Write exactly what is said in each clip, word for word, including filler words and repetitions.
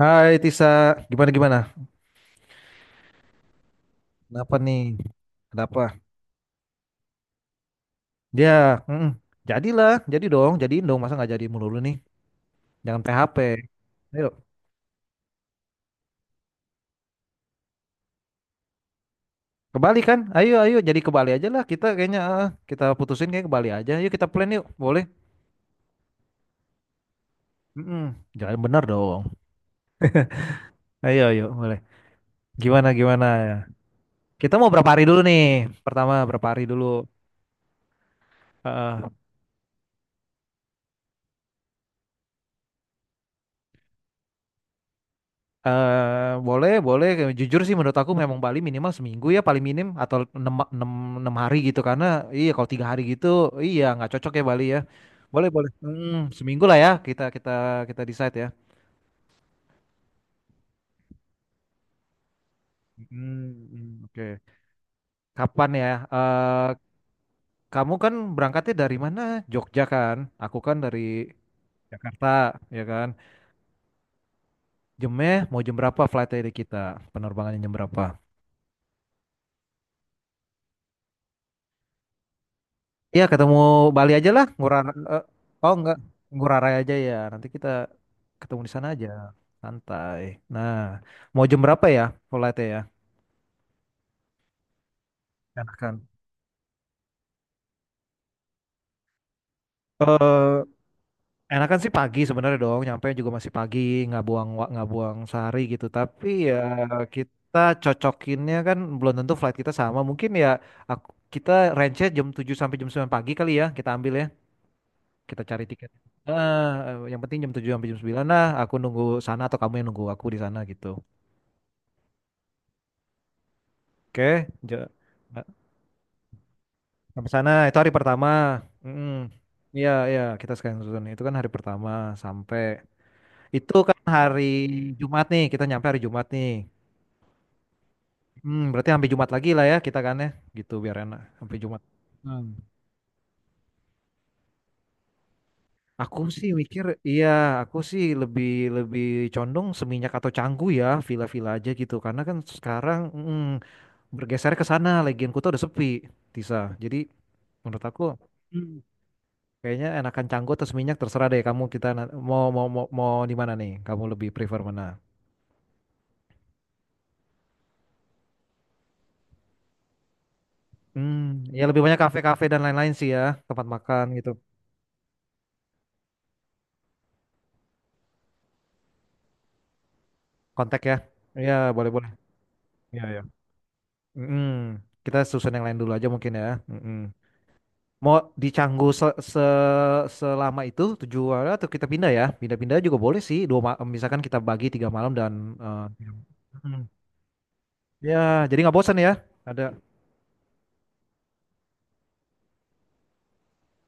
Hai Tisa, gimana gimana? Kenapa nih? Kenapa? Dia, mm, jadilah, jadi dong, jadiin dong, masa nggak jadi mulu nih? Jangan pe ha pe. Ayo, ke Bali kan? Ayo, ayo, jadi ke Bali aja lah. Kita kayaknya ah, kita putusin kayak ke Bali aja. Yuk kita plan yuk, boleh? Mm-mm. Jangan bener dong. Ayo, ayo, boleh. Gimana gimana? Kita mau berapa hari dulu nih? Pertama berapa hari dulu? Heeh. Eh boleh, boleh. Jujur sih menurut aku memang Bali minimal seminggu ya paling minim atau enam enam enam hari gitu, karena iya kalau tiga hari gitu iya nggak cocok ya Bali ya. Boleh, boleh. Hmm, seminggu lah ya kita kita kita decide ya. Hmm, hmm, oke. Kapan ya? Eh Kamu kan berangkatnya dari mana? Jogja kan? Aku kan dari Jakarta, ya kan? Jamnya mau jam berapa flightnya dari kita? Penerbangannya jam berapa? Iya ketemu Bali aja lah, Ngurah eh, oh enggak, Ngurah Rai aja ya. Nanti kita ketemu di sana aja, santai. Nah, mau jam berapa ya flightnya ya? Enakan. Eh, enakan sih pagi sebenarnya dong. Nyampe juga masih pagi, nggak buang wa- nggak buang sehari gitu. Tapi ya kita cocokinnya kan belum tentu flight kita sama. Mungkin ya aku, kita range-nya jam tujuh sampai jam sembilan pagi kali ya kita ambil ya. Kita cari tiket. Ah, eh, yang penting jam tujuh sampai jam sembilan lah. Aku nunggu sana atau kamu yang nunggu aku di sana gitu. Oke, ja- eh, sampai sana itu hari pertama. Mm-mm. Iya, iya, kita sekalian susun. Itu kan hari pertama sampai itu kan hari Jumat nih, kita nyampe hari Jumat nih. Hmm, berarti sampai Jumat lagi lah ya kita kan ya, gitu biar enak sampai Jumat. Hmm. Aku sih mikir, iya, aku sih lebih lebih condong Seminyak atau Canggu ya, villa-villa aja gitu. Karena kan sekarang, mm, bergeser ke sana, Legion Kuta udah sepi Tisa, jadi menurut aku. Hmm. Kayaknya enakan canggo atau seminyak terserah deh kamu, kita na- mau mau mau, mau di mana nih, kamu lebih prefer mana? Hmm, ya lebih banyak kafe-kafe dan lain-lain sih ya, tempat makan gitu. Kontak ya. Iya boleh boleh. Iya ya. Hmm, kita susun yang lain dulu aja mungkin ya. Hmm, mau di Canggu se- se- selama itu tujuh hari atau kita pindah ya, pindah-pindah juga boleh sih, dua ma- misalkan kita bagi tiga malam dan eh, ya, jadi nggak bosan ya. Ada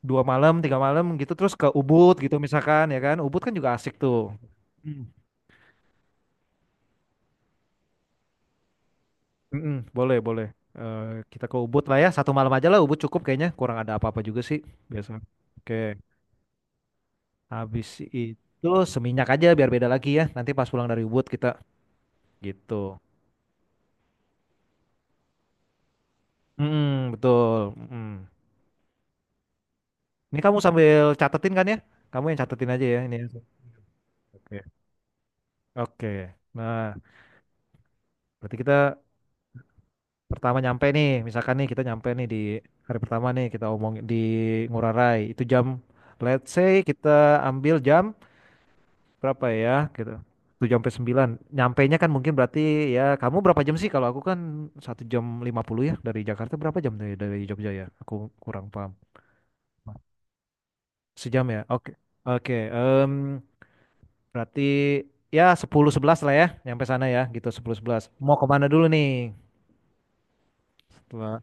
dua malam, tiga malam gitu terus ke Ubud gitu misalkan ya kan. Ubud kan juga asik tuh. Hmm. Mm-mm, boleh, boleh. Eh, kita ke Ubud lah ya. Satu malam aja lah Ubud cukup kayaknya. Kurang ada apa-apa juga sih biasa. Oke. Habis itu Seminyak aja biar beda lagi ya. Nanti pas pulang dari Ubud kita gitu. Mm-mm, betul. Mm-mm. Ini kamu sambil catetin kan ya? Kamu yang catetin aja ya ini. Ya. Oke. Oke. Nah, berarti kita pertama nyampe nih, misalkan nih kita nyampe nih di hari pertama nih, kita omong di Ngurah Rai. Itu jam, let's say kita ambil jam berapa ya gitu. tujuh sampai sembilan. Nyampainya kan mungkin berarti, ya kamu berapa jam sih? Kalau aku kan satu jam lima puluh ya dari Jakarta, berapa jam dari dari Jogja ya? Aku kurang paham. Sejam ya. Oke. Oke, em, berarti ya sepuluh sebelas lah ya nyampe sana ya gitu sepuluh sebelas. Mau kemana dulu nih? Setelah,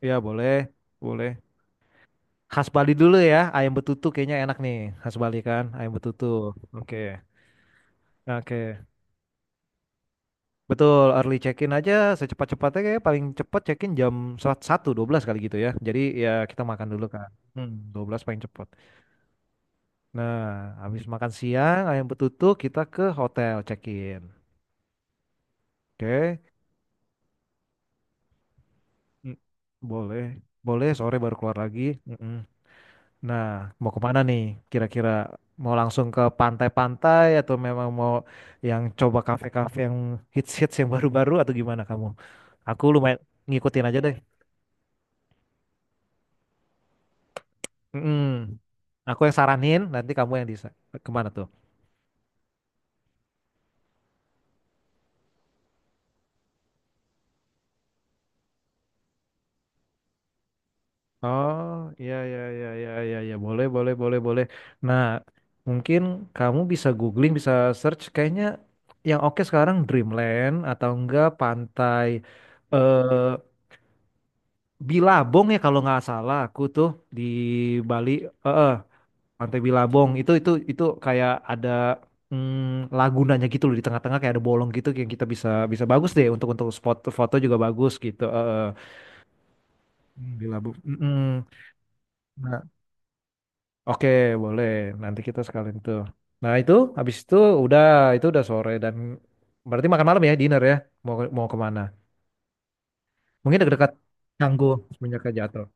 ya boleh, boleh. Khas Bali dulu ya, ayam betutu kayaknya enak nih. Khas Bali kan, ayam betutu. Oke. Oke. Betul, early check-in aja secepat-cepatnya, kayak paling cepat check-in jam satu dua belas kali gitu ya. Jadi ya kita makan dulu kan. Hmm, dua belas paling cepat. Nah, habis makan siang ayam betutu kita ke hotel check-in. Oke. Mm, boleh. Boleh sore baru keluar lagi. Mm-mm. Nah, mau kemana nih? Kira-kira mau langsung ke pantai-pantai atau memang mau yang coba kafe-kafe yang hits-hits yang baru-baru atau gimana kamu? Aku lumayan ngikutin aja deh. Mm-mm. Aku yang saranin, nanti kamu yang bisa. Kemana tuh? Oh, iya, iya, iya, iya, iya, iya. Boleh, boleh, boleh, boleh. Nah, mungkin kamu bisa googling, bisa search. Kayaknya yang oke sekarang Dreamland atau enggak pantai. eh Bilabong ya kalau nggak salah aku tuh di Bali, eh eh, Pantai Bilabong itu itu itu kayak ada, mm, lagunanya gitu loh di tengah-tengah, kayak ada bolong gitu yang kita bisa, bisa bagus deh untuk untuk spot foto juga bagus gitu eh eh. Hmm, Bilabong. Mm-mm. Nah, oke boleh nanti kita sekalian tuh. Nah itu habis itu udah, itu udah sore, dan berarti makan malam ya, dinner ya, mau mau kemana? Mungkin dekat-dekat Canggu. Semenjak jatuh.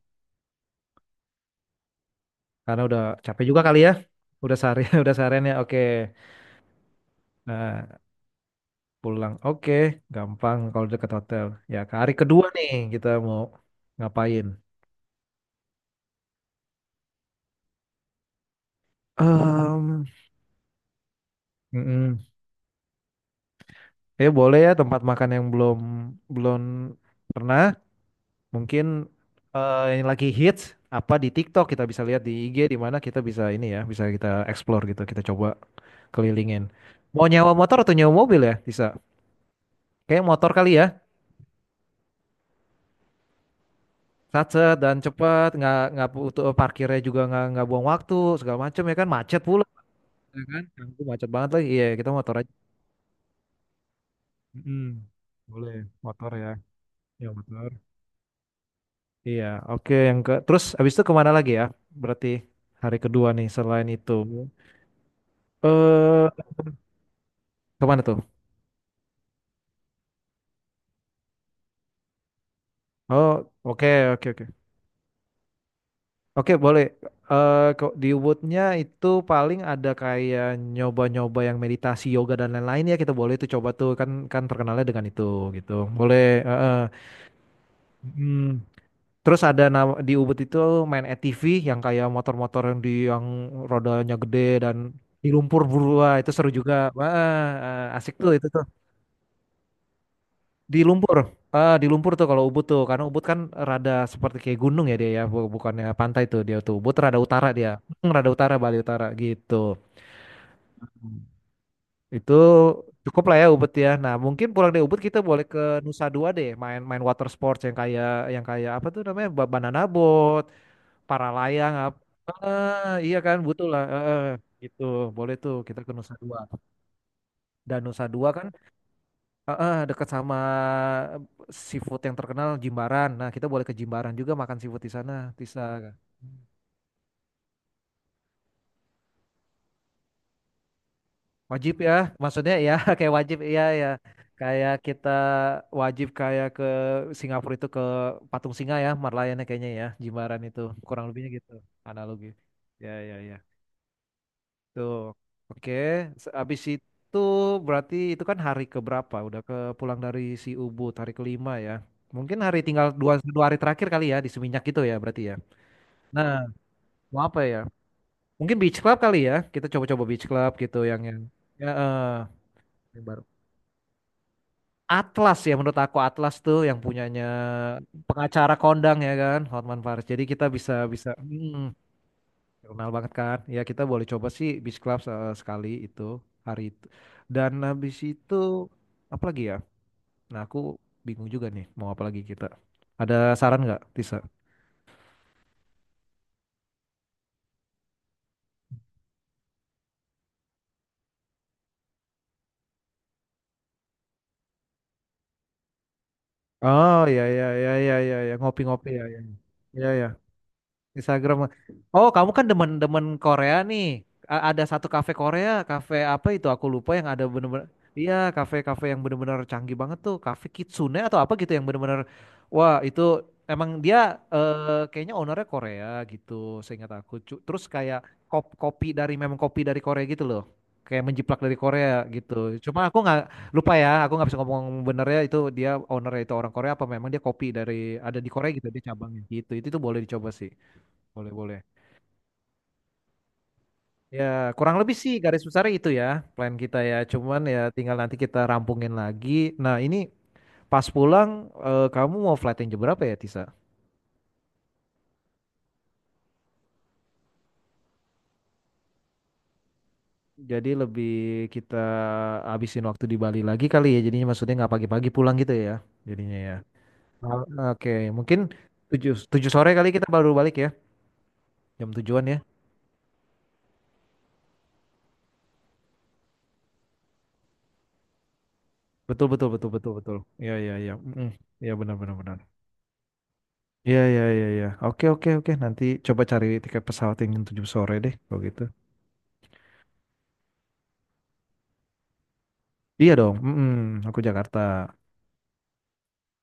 Karena udah capek juga kali ya. Udah seharian, udah seharian ya. Oke. Nah, pulang. Oke, gampang kalau deket hotel. Ya, ke hari kedua nih kita mau ngapain? Em, mm-mm. Ya boleh, ya tempat makan yang belum belum pernah. Mungkin eh, yang lagi hits apa di TikTok, kita bisa lihat di I G di mana kita bisa ini ya, bisa kita explore gitu, kita coba kelilingin. Mau nyewa motor atau nyewa mobil ya? Bisa. Kayak motor kali ya. Satset dan cepet, nggak nggak butuh parkirnya juga, nggak nggak buang waktu segala macem ya kan, macet pula ya kan. Ampun, macet banget lagi, iya kita motor aja. mm Boleh, motor ya. Ya, motor. Iya, oke, yang ke terus abis itu kemana lagi ya? Berarti hari kedua nih selain itu, eh kemana tuh? Oh, oke oke oke. Oke, boleh. Eh kok di Woodnya itu paling ada kayak nyoba-nyoba yang meditasi, yoga dan lain-lain ya, kita boleh itu coba tuh, kan kan terkenalnya dengan itu gitu. Boleh. eh, eh. Hmm. Terus ada nama, di Ubud itu main A T V yang kayak motor-motor yang di yang rodanya gede dan di lumpur berua itu seru juga. Wah, eh, asik tuh itu. Di lumpur, ah di lumpur tuh kalau Ubud tuh, karena Ubud kan rada seperti kayak gunung ya dia ya, bu- bukannya pantai tuh dia tuh. Ubud rada utara dia, Hmm, rada utara, Bali utara gitu. Itu cukup lah ya Ubud ya. Nah mungkin pulang dari Ubud kita boleh ke Nusa Dua deh, main main water sports yang kayak, yang kayak apa tuh namanya, ba- banana boat, paralayang apa. Ah, iya kan butuh lah. Eh, eh, gitu boleh tuh kita ke Nusa Dua. Dan Nusa Dua kan, heeh, dekat sama seafood yang terkenal, Jimbaran. Nah, kita boleh ke Jimbaran juga makan seafood di sana. Bisa wajib ya, maksudnya ya kayak wajib, iya ya. Kayak kita wajib kayak ke Singapura itu ke Patung Singa ya, Marlayannya kayaknya ya, Jimbaran itu. Kurang lebihnya gitu analogi. Ya ya ya. Tuh. Oke, se- habis itu berarti itu kan hari keberapa? Udah ke pulang dari si Ubud hari kelima ya. Mungkin hari tinggal dua, dua hari terakhir kali ya di Seminyak gitu ya berarti ya. Nah, mau apa ya? Mungkin Beach Club kali ya. Kita coba-coba Beach Club gitu yang yang ya eh, yang baru. Atlas ya, menurut aku Atlas tuh yang punyanya pengacara kondang ya kan, Hotman Paris. Jadi kita bisa, bisa hmm, kenal banget kan. Ya kita boleh coba sih Beach Club, se- eh, sekali itu hari itu. Dan habis itu apa lagi ya? Nah, aku bingung juga nih mau apa lagi kita. Ada saran nggak, Tisa? Oh ya ya ya ya ya ya, ngopi-ngopi ya ya. Ya ya. Instagram. Oh, kamu kan demen-demen Korea nih. A- ada satu kafe Korea, kafe apa itu? Aku lupa yang ada bener-bener. Iya, kafe-kafe yang bener-bener canggih banget tuh. Kafe Kitsune atau apa gitu yang bener-bener. Wah, itu emang dia, eh, kayaknya ownernya Korea gitu. Seingat aku. Cu- Terus kayak kop- kopi dari memang kopi dari Korea gitu loh. Kayak menjiplak dari Korea gitu. Cuma aku nggak lupa ya. Aku nggak bisa ngomong benernya itu dia ownernya itu orang Korea apa memang dia kopi dari ada di Korea gitu dia cabangnya gitu. Itu itu boleh dicoba sih. Boleh, boleh. Ya, kurang lebih sih garis besarnya itu ya, plan kita ya. Cuman ya tinggal nanti kita rampungin lagi. Nah, ini pas pulang, eh, kamu mau flight yang jam berapa ya, Tisa? Jadi lebih kita habisin waktu di Bali lagi kali ya. Jadinya maksudnya nggak pagi-pagi pulang gitu ya. Jadinya ya. Ah, Oke, mungkin tujuh tujuh sore kali kita baru balik ya. Jam tujuan ya. Betul, betul, betul, betul, betul. Iya, iya, iya. Mm-mm. Iya, benar, benar, benar. Iya, iya, iya, iya. Oke, oke, oke. Nanti coba cari tiket pesawat yang jam tujuh sore deh, kalau gitu. Iya dong, mm-mm, aku Jakarta.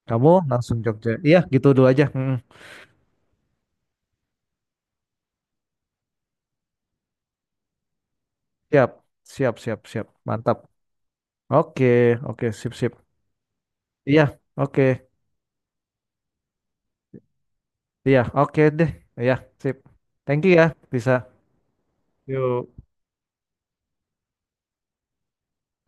Kamu langsung Jogja. Iya, gitu dulu aja. Mm-mm. Siap, siap, siap, siap. Mantap. Oke, oke, sip, sip. Iya, oke. Iya, oke deh. Iya, sip. Thank you ya, bisa. Yuk.